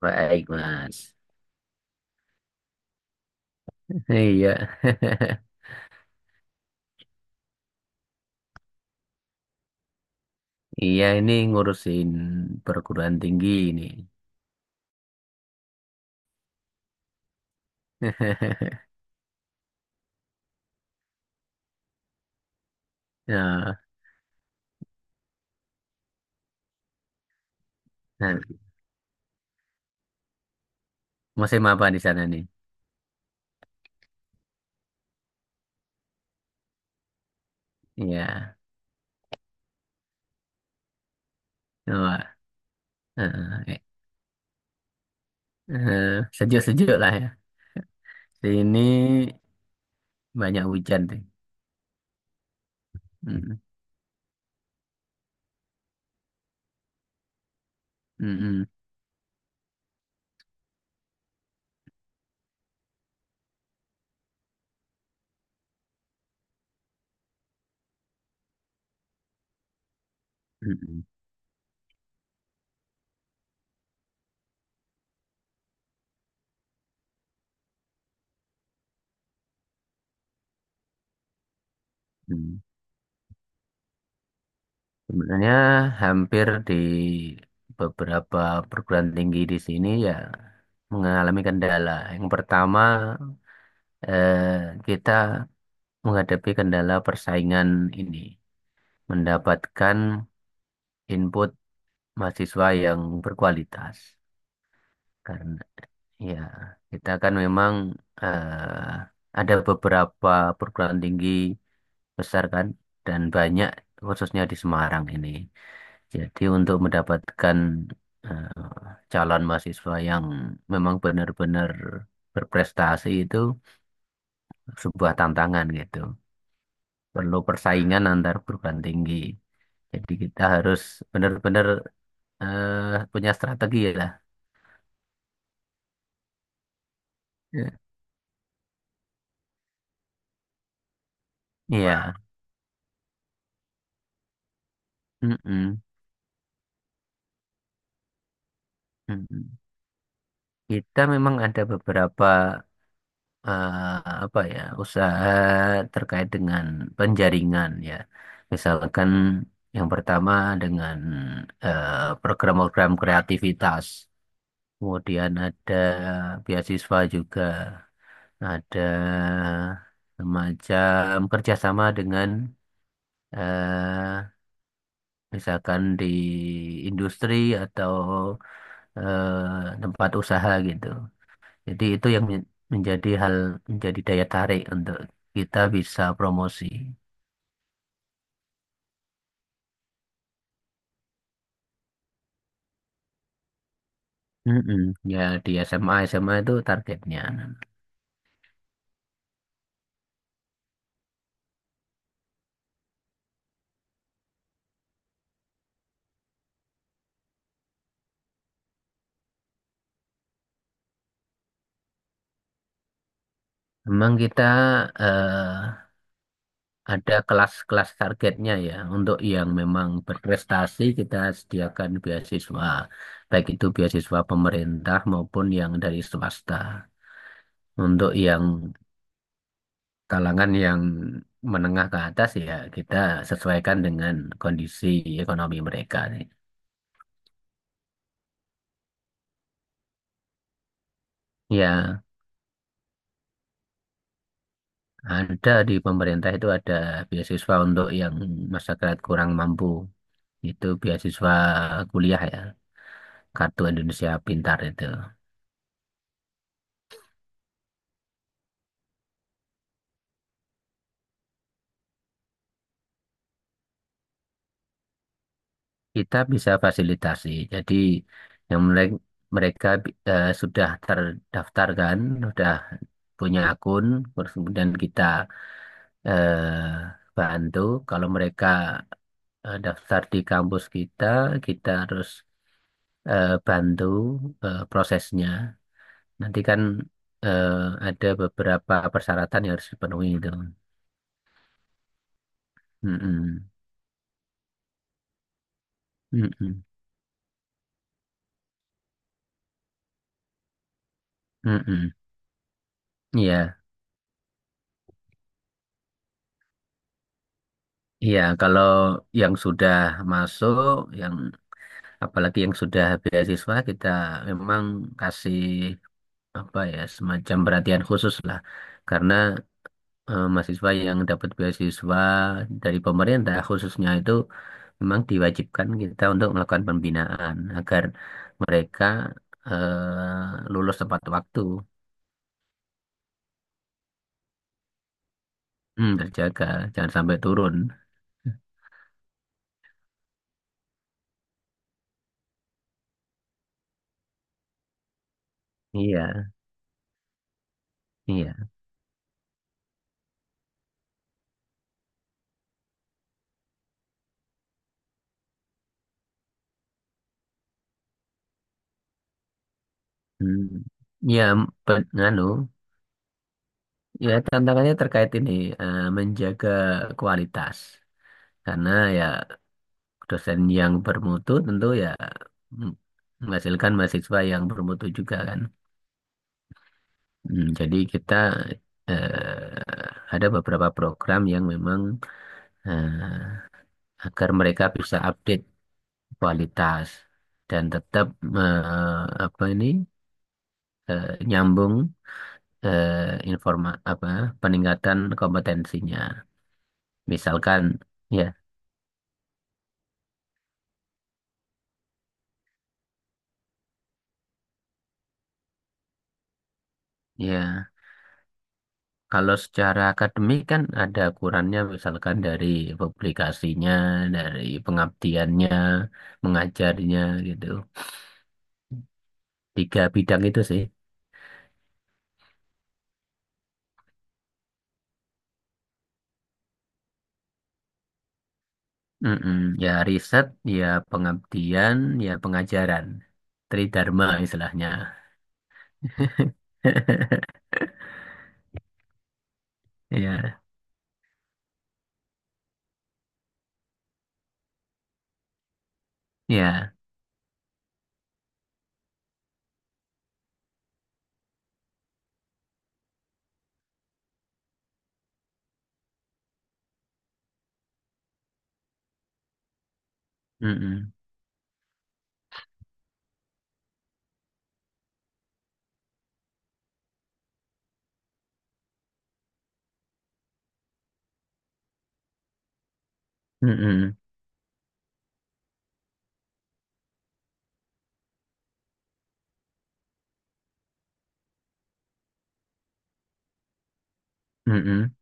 Baik, Mas. Iya. Iya, ini ngurusin perguruan tinggi ini. Nah, nah, musim apa di sana nih? Iya. Wah, eh, eh, eh, sejuk-sejuk lah ya. Sini banyak hujan deh. Mm, mm, mm, mm, mm. Sebenarnya hampir di beberapa perguruan tinggi di sini ya mengalami kendala. Yang pertama, kita menghadapi kendala persaingan ini, mendapatkan input mahasiswa yang berkualitas. Karena ya kita kan memang ada beberapa perguruan tinggi besar kan dan banyak khususnya di Semarang ini. Jadi untuk mendapatkan calon mahasiswa yang memang benar-benar berprestasi itu sebuah tantangan gitu. Perlu persaingan antar perguruan tinggi. Jadi kita harus benar-benar punya strategi ya lah. Ya. Iya. Mm-mm. Mm-mm. Kita memang ada beberapa apa ya usaha terkait dengan penjaringan ya. Misalkan yang pertama dengan eh, program-program kreativitas. Kemudian ada beasiswa juga. Ada semacam kerjasama dengan eh, misalkan di industri atau tempat usaha gitu. Jadi itu yang menjadi hal menjadi daya tarik untuk kita bisa promosi. Mm-mm. Ya di SMA SMA itu targetnya. Memang kita eh, ada kelas-kelas targetnya ya untuk yang memang berprestasi kita sediakan beasiswa baik itu beasiswa pemerintah maupun yang dari swasta. Untuk yang kalangan yang menengah ke atas ya kita sesuaikan dengan kondisi ekonomi mereka nih. Ya, ada di pemerintah itu ada beasiswa untuk yang masyarakat kurang mampu. Itu beasiswa kuliah ya, Kartu Indonesia Pintar itu. Kita bisa fasilitasi. Jadi yang mereka, mereka sudah terdaftar kan, sudah punya akun, terus kemudian kita bantu. Kalau mereka daftar di kampus kita, kita harus bantu prosesnya. Nanti kan eh, ada beberapa persyaratan yang harus dipenuhi itu. Mm-mm. Mm-mm. Mm-mm. Iya, iya. Kalau yang sudah masuk, yang apalagi yang sudah beasiswa, kita memang kasih apa ya semacam perhatian khusus lah, karena mahasiswa yang dapat beasiswa dari pemerintah khususnya itu memang diwajibkan kita untuk melakukan pembinaan agar mereka lulus tepat waktu, hmm, terjaga, jangan sampai turun. Iya, iya. Hmm. Ya, pe- nganu, ya tantangannya terkait ini menjaga kualitas. Karena ya dosen yang bermutu tentu ya mm, menghasilkan mahasiswa yang bermutu juga kan. Hmm, jadi kita ada beberapa program yang memang eh, agar mereka bisa update kualitas dan tetap eh, apa ini nyambung eh, informa apa peningkatan kompetensinya. Misalkan ya ya kalau secara akademik kan ada ukurannya misalkan dari publikasinya, dari pengabdiannya, mengajarnya gitu. Tiga bidang itu sih. Mm-mm. Ya riset, ya pengabdian, ya pengajaran. Tridharma istilahnya. Iya, iya. Mm-mm. Mm-mm. Mm-mm.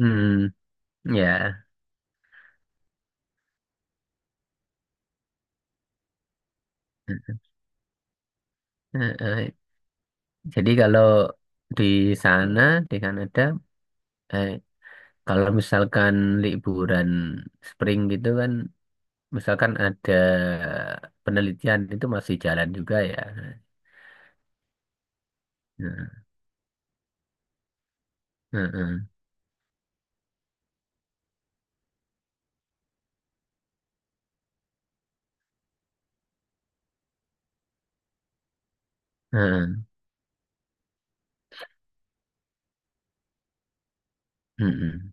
Mm-mm. Iya. Eh, eh, jadi kalau di sana, di Kanada, eh, kalau misalkan liburan spring gitu kan, misalkan ada penelitian itu masih jalan juga ya. Nah, eh, eh, eh, eh, mm-mm.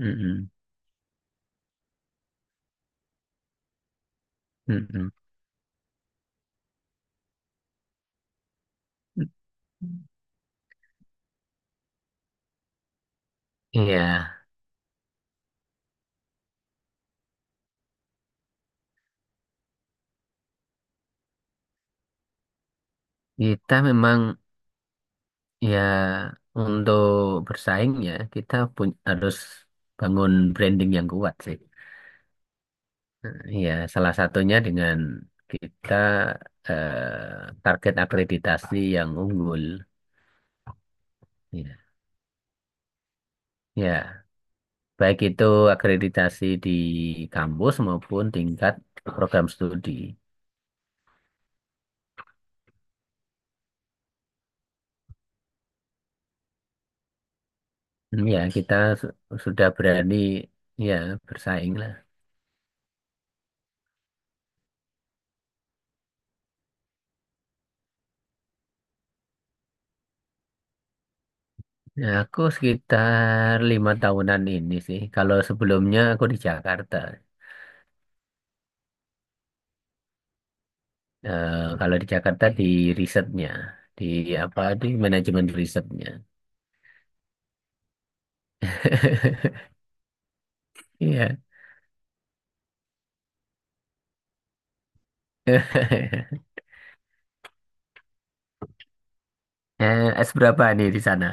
Mm-mm. Mm-mm. Iya, kita memang Ya, untuk bersaing ya kita pun harus bangun branding yang kuat sih. Nah, ya, salah satunya dengan kita target akreditasi yang unggul. Ya. Ya, baik itu akreditasi di kampus maupun tingkat program studi. Ya, kita su- sudah berani ya bersaing lah. Ya, aku sekitar 5 tahunan ini sih. Kalau sebelumnya aku di Jakarta. Eh, kalau di Jakarta di risetnya, di apa di manajemen risetnya. Iya. Eh, es berapa nih di sana?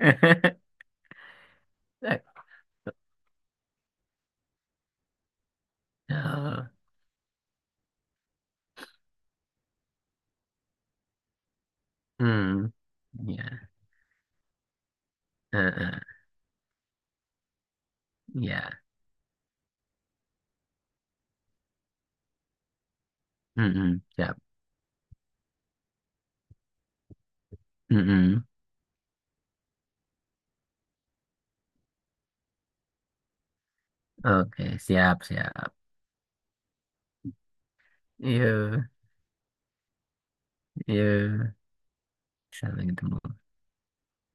Oh, hmm, ya, eh, eh, ya, hmm, hmm, siap, hmm, hmm. Oke, siap, siap. Yuk, yuk, sampai ketemu.